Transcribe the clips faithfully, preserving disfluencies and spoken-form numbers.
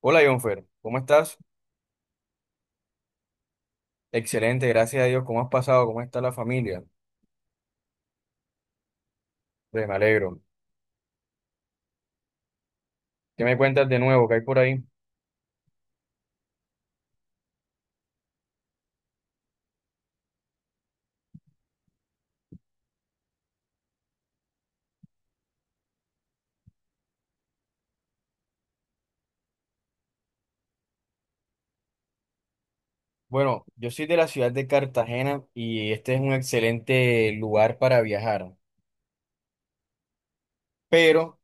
Hola, Jonfer, ¿cómo estás? Excelente, gracias a Dios. ¿Cómo has pasado? ¿Cómo está la familia? Pues, me alegro. ¿Qué me cuentas de nuevo? ¿Qué hay por ahí? Bueno, yo soy de la ciudad de Cartagena y este es un excelente lugar para viajar. Pero,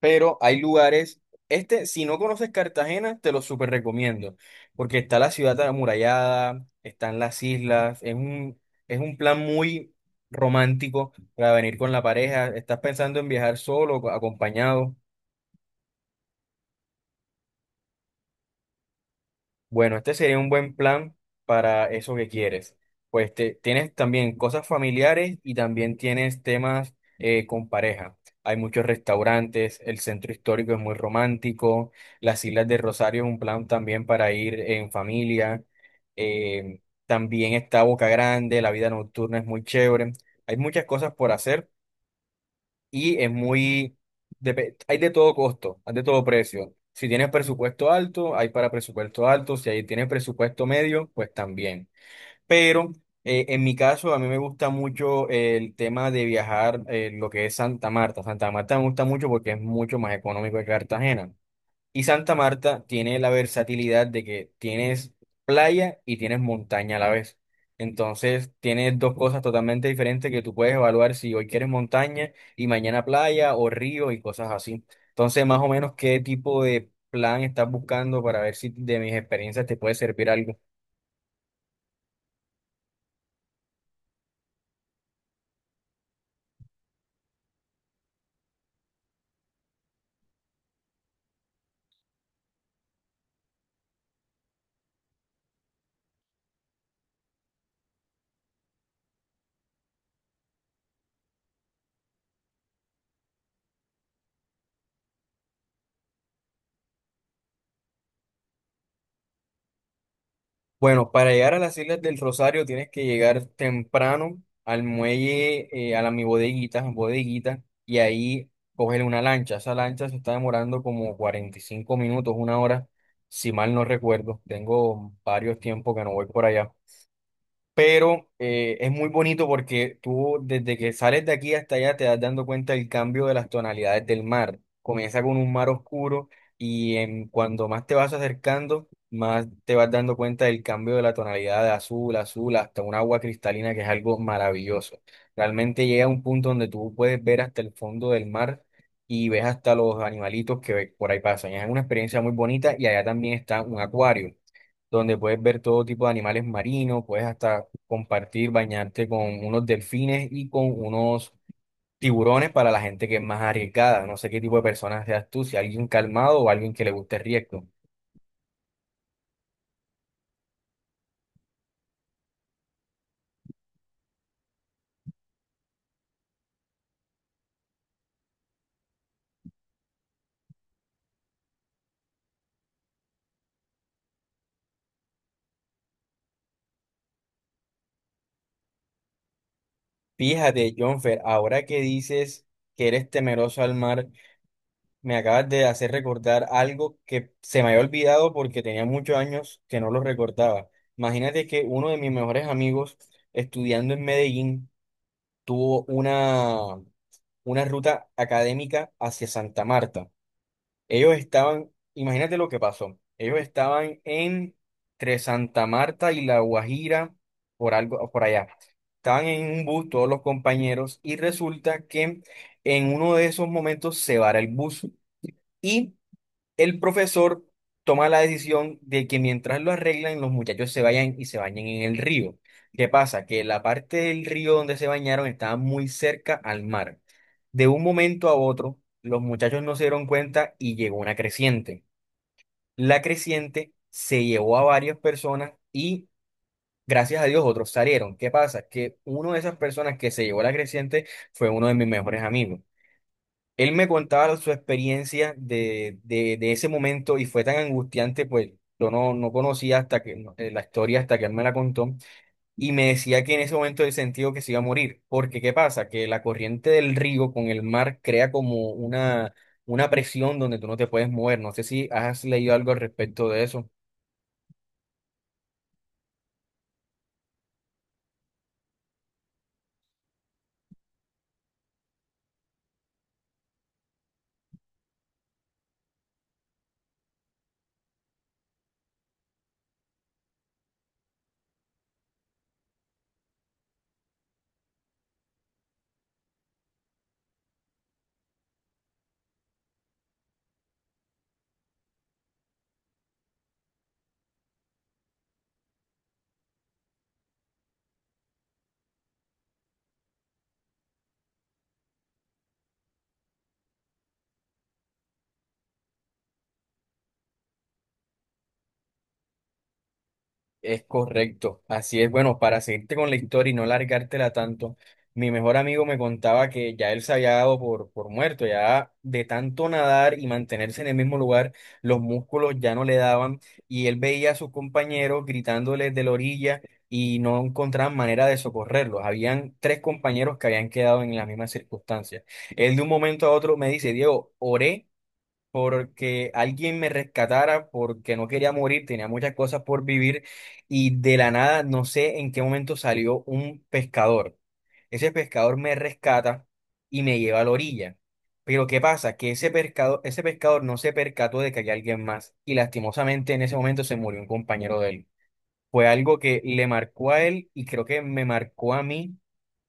pero hay lugares, este, si no conoces Cartagena, te lo súper recomiendo, porque está la ciudad amurallada, están las islas, es un, es un plan muy romántico para venir con la pareja. ¿Estás pensando en viajar solo o acompañado? Bueno, este sería un buen plan para eso que quieres. Pues te- tienes también cosas familiares y también tienes temas eh, con pareja. Hay muchos restaurantes, el centro histórico es muy romántico, las Islas de Rosario es un plan también para ir en familia. eh, También está Boca Grande, la vida nocturna es muy chévere. Hay muchas cosas por hacer y es muy, depe- hay de todo costo, hay de todo precio. Si tienes presupuesto alto, hay para presupuesto alto, si ahí tienes presupuesto medio, pues también. Pero eh, en mi caso, a mí me gusta mucho el tema de viajar, eh, lo que es Santa Marta. Santa Marta me gusta mucho porque es mucho más económico que Cartagena. Y Santa Marta tiene la versatilidad de que tienes playa y tienes montaña a la vez. Entonces, tienes dos cosas totalmente diferentes que tú puedes evaluar si hoy quieres montaña y mañana playa o río y cosas así. Entonces, más o menos, ¿qué tipo de plan estás buscando para ver si de mis experiencias te puede servir algo? Bueno, para llegar a las Islas del Rosario tienes que llegar temprano al muelle, eh, a la mi bodeguita, bodeguita, y ahí coger una lancha. Esa lancha se está demorando como cuarenta y cinco minutos, una hora, si mal no recuerdo. Tengo varios tiempos que no voy por allá, pero eh, es muy bonito porque tú desde que sales de aquí hasta allá te das dando cuenta del cambio de las tonalidades del mar. Comienza con un mar oscuro y en, cuando más te vas acercando, más te vas dando cuenta del cambio de la tonalidad de azul, azul, hasta un agua cristalina que es algo maravilloso. Realmente llega a un punto donde tú puedes ver hasta el fondo del mar. Y ves hasta los animalitos que por ahí pasan. Es una experiencia muy bonita y allá también está un acuario donde puedes ver todo tipo de animales marinos, puedes hasta compartir, bañarte con unos delfines y con unos tiburones para la gente que es más arriesgada. No sé qué tipo de personas seas tú, si alguien calmado o alguien que le guste el riesgo. Fíjate, Jonfer, ahora que dices que eres temeroso al mar, me acabas de hacer recordar algo que se me había olvidado porque tenía muchos años que no lo recordaba. Imagínate que uno de mis mejores amigos, estudiando en Medellín, tuvo una una ruta académica hacia Santa Marta. Ellos estaban, imagínate lo que pasó. Ellos estaban entre Santa Marta y La Guajira, por algo, por allá. Estaban en un bus todos los compañeros y resulta que en uno de esos momentos se vara el bus y el profesor toma la decisión de que mientras lo arreglan, los muchachos se vayan y se bañen en el río. ¿Qué pasa? Que la parte del río donde se bañaron estaba muy cerca al mar. De un momento a otro, los muchachos no se dieron cuenta y llegó una creciente. La creciente se llevó a varias personas y, gracias a Dios, otros salieron. ¿Qué pasa? Que uno de esas personas que se llevó la creciente fue uno de mis mejores amigos. Él me contaba su experiencia de, de, de ese momento y fue tan angustiante, pues yo no, no conocía hasta que no, eh, la historia hasta que él me la contó y me decía que en ese momento él sentía que se iba a morir, porque ¿qué pasa? Que la corriente del río con el mar crea como una, una presión donde tú no te puedes mover. No sé si has leído algo al respecto de eso. Es correcto, así es. Bueno, para seguirte con la historia y no largártela tanto, mi mejor amigo me contaba que ya él se había dado por, por muerto, ya de tanto nadar y mantenerse en el mismo lugar, los músculos ya no le daban y él veía a sus compañeros gritándoles de la orilla y no encontraban manera de socorrerlos. Habían tres compañeros que habían quedado en las mismas circunstancias. Él de un momento a otro me dice, Diego, oré porque alguien me rescatara, porque no quería morir, tenía muchas cosas por vivir y de la nada, no sé en qué momento salió un pescador. Ese pescador me rescata y me lleva a la orilla. Pero ¿qué pasa? Que ese pescado ese pescador no se percató de que había alguien más y lastimosamente en ese momento se murió un compañero de él. Fue algo que le marcó a él y creo que me marcó a mí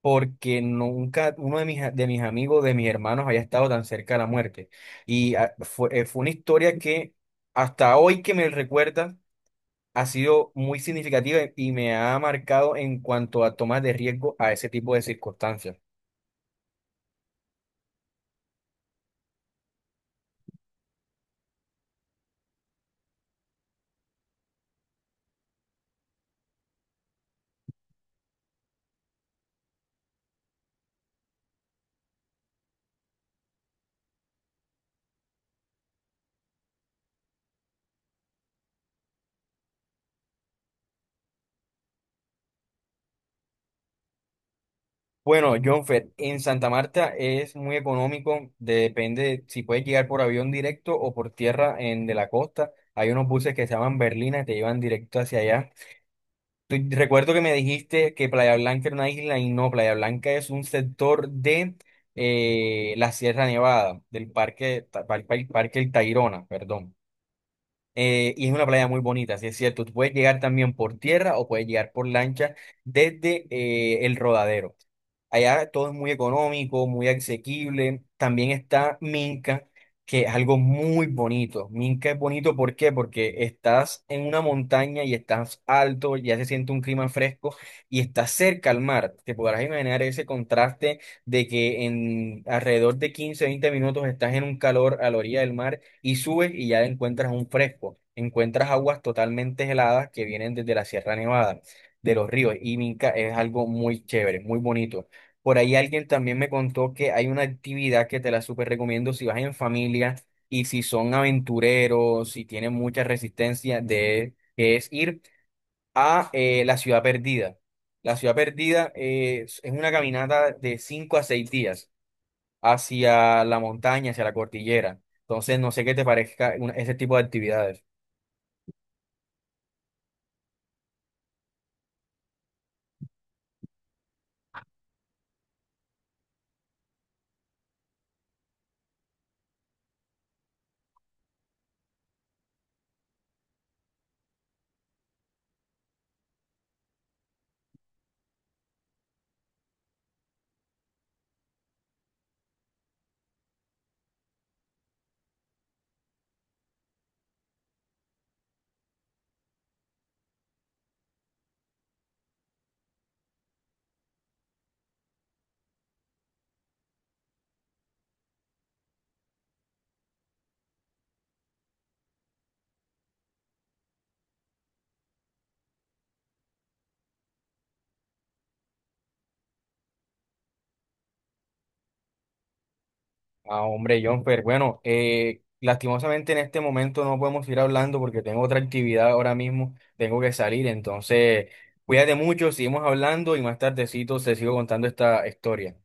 porque nunca uno de mis, a- de mis amigos, de mis hermanos había estado tan cerca de la muerte. Y ah, fue, eh, fue una historia que hasta hoy que me recuerda ha sido muy significativa y me ha marcado en cuanto a tomas de riesgo a ese tipo de circunstancias. Bueno, Jonfer, en Santa Marta es muy económico, de- depende si puedes llegar por avión directo o por tierra en de la costa. Hay unos buses que se llaman Berlina que te llevan directo hacia allá. Tú- recuerdo que me dijiste que Playa Blanca era una isla y no, Playa Blanca es un sector de eh, la Sierra Nevada, del parque, Ta- par- par- parque El Tayrona, perdón. Eh, y es una playa muy bonita, sí es cierto. Tú puedes llegar también por tierra o puedes llegar por lancha desde eh, el Rodadero. Allá todo es muy económico, muy asequible. También está Minca, que es algo muy bonito. Minca es bonito, ¿por qué? Porque estás en una montaña y estás alto, ya se siente un clima fresco y estás cerca al mar. Te podrás imaginar ese contraste de que en alrededor de quince, veinte minutos estás en un calor a la orilla del mar y subes y ya encuentras un fresco. Encuentras aguas totalmente heladas que vienen desde la Sierra Nevada de los ríos. Y Minca es algo muy chévere, muy bonito. Por ahí alguien también me contó que hay una actividad que te la súper recomiendo si vas en familia y si son aventureros, si tienen mucha resistencia, de, que es ir a eh, la Ciudad Perdida. La Ciudad Perdida eh, es, es una caminata de cinco a seis días hacia la montaña, hacia la cordillera. Entonces, no sé qué te parezca una- ese tipo de actividades. Ah, hombre, Jonfer, bueno, eh, lastimosamente en este momento no podemos ir hablando porque tengo otra actividad ahora mismo, tengo que salir, entonces cuídate mucho, seguimos hablando y más tardecito te sigo contando esta historia.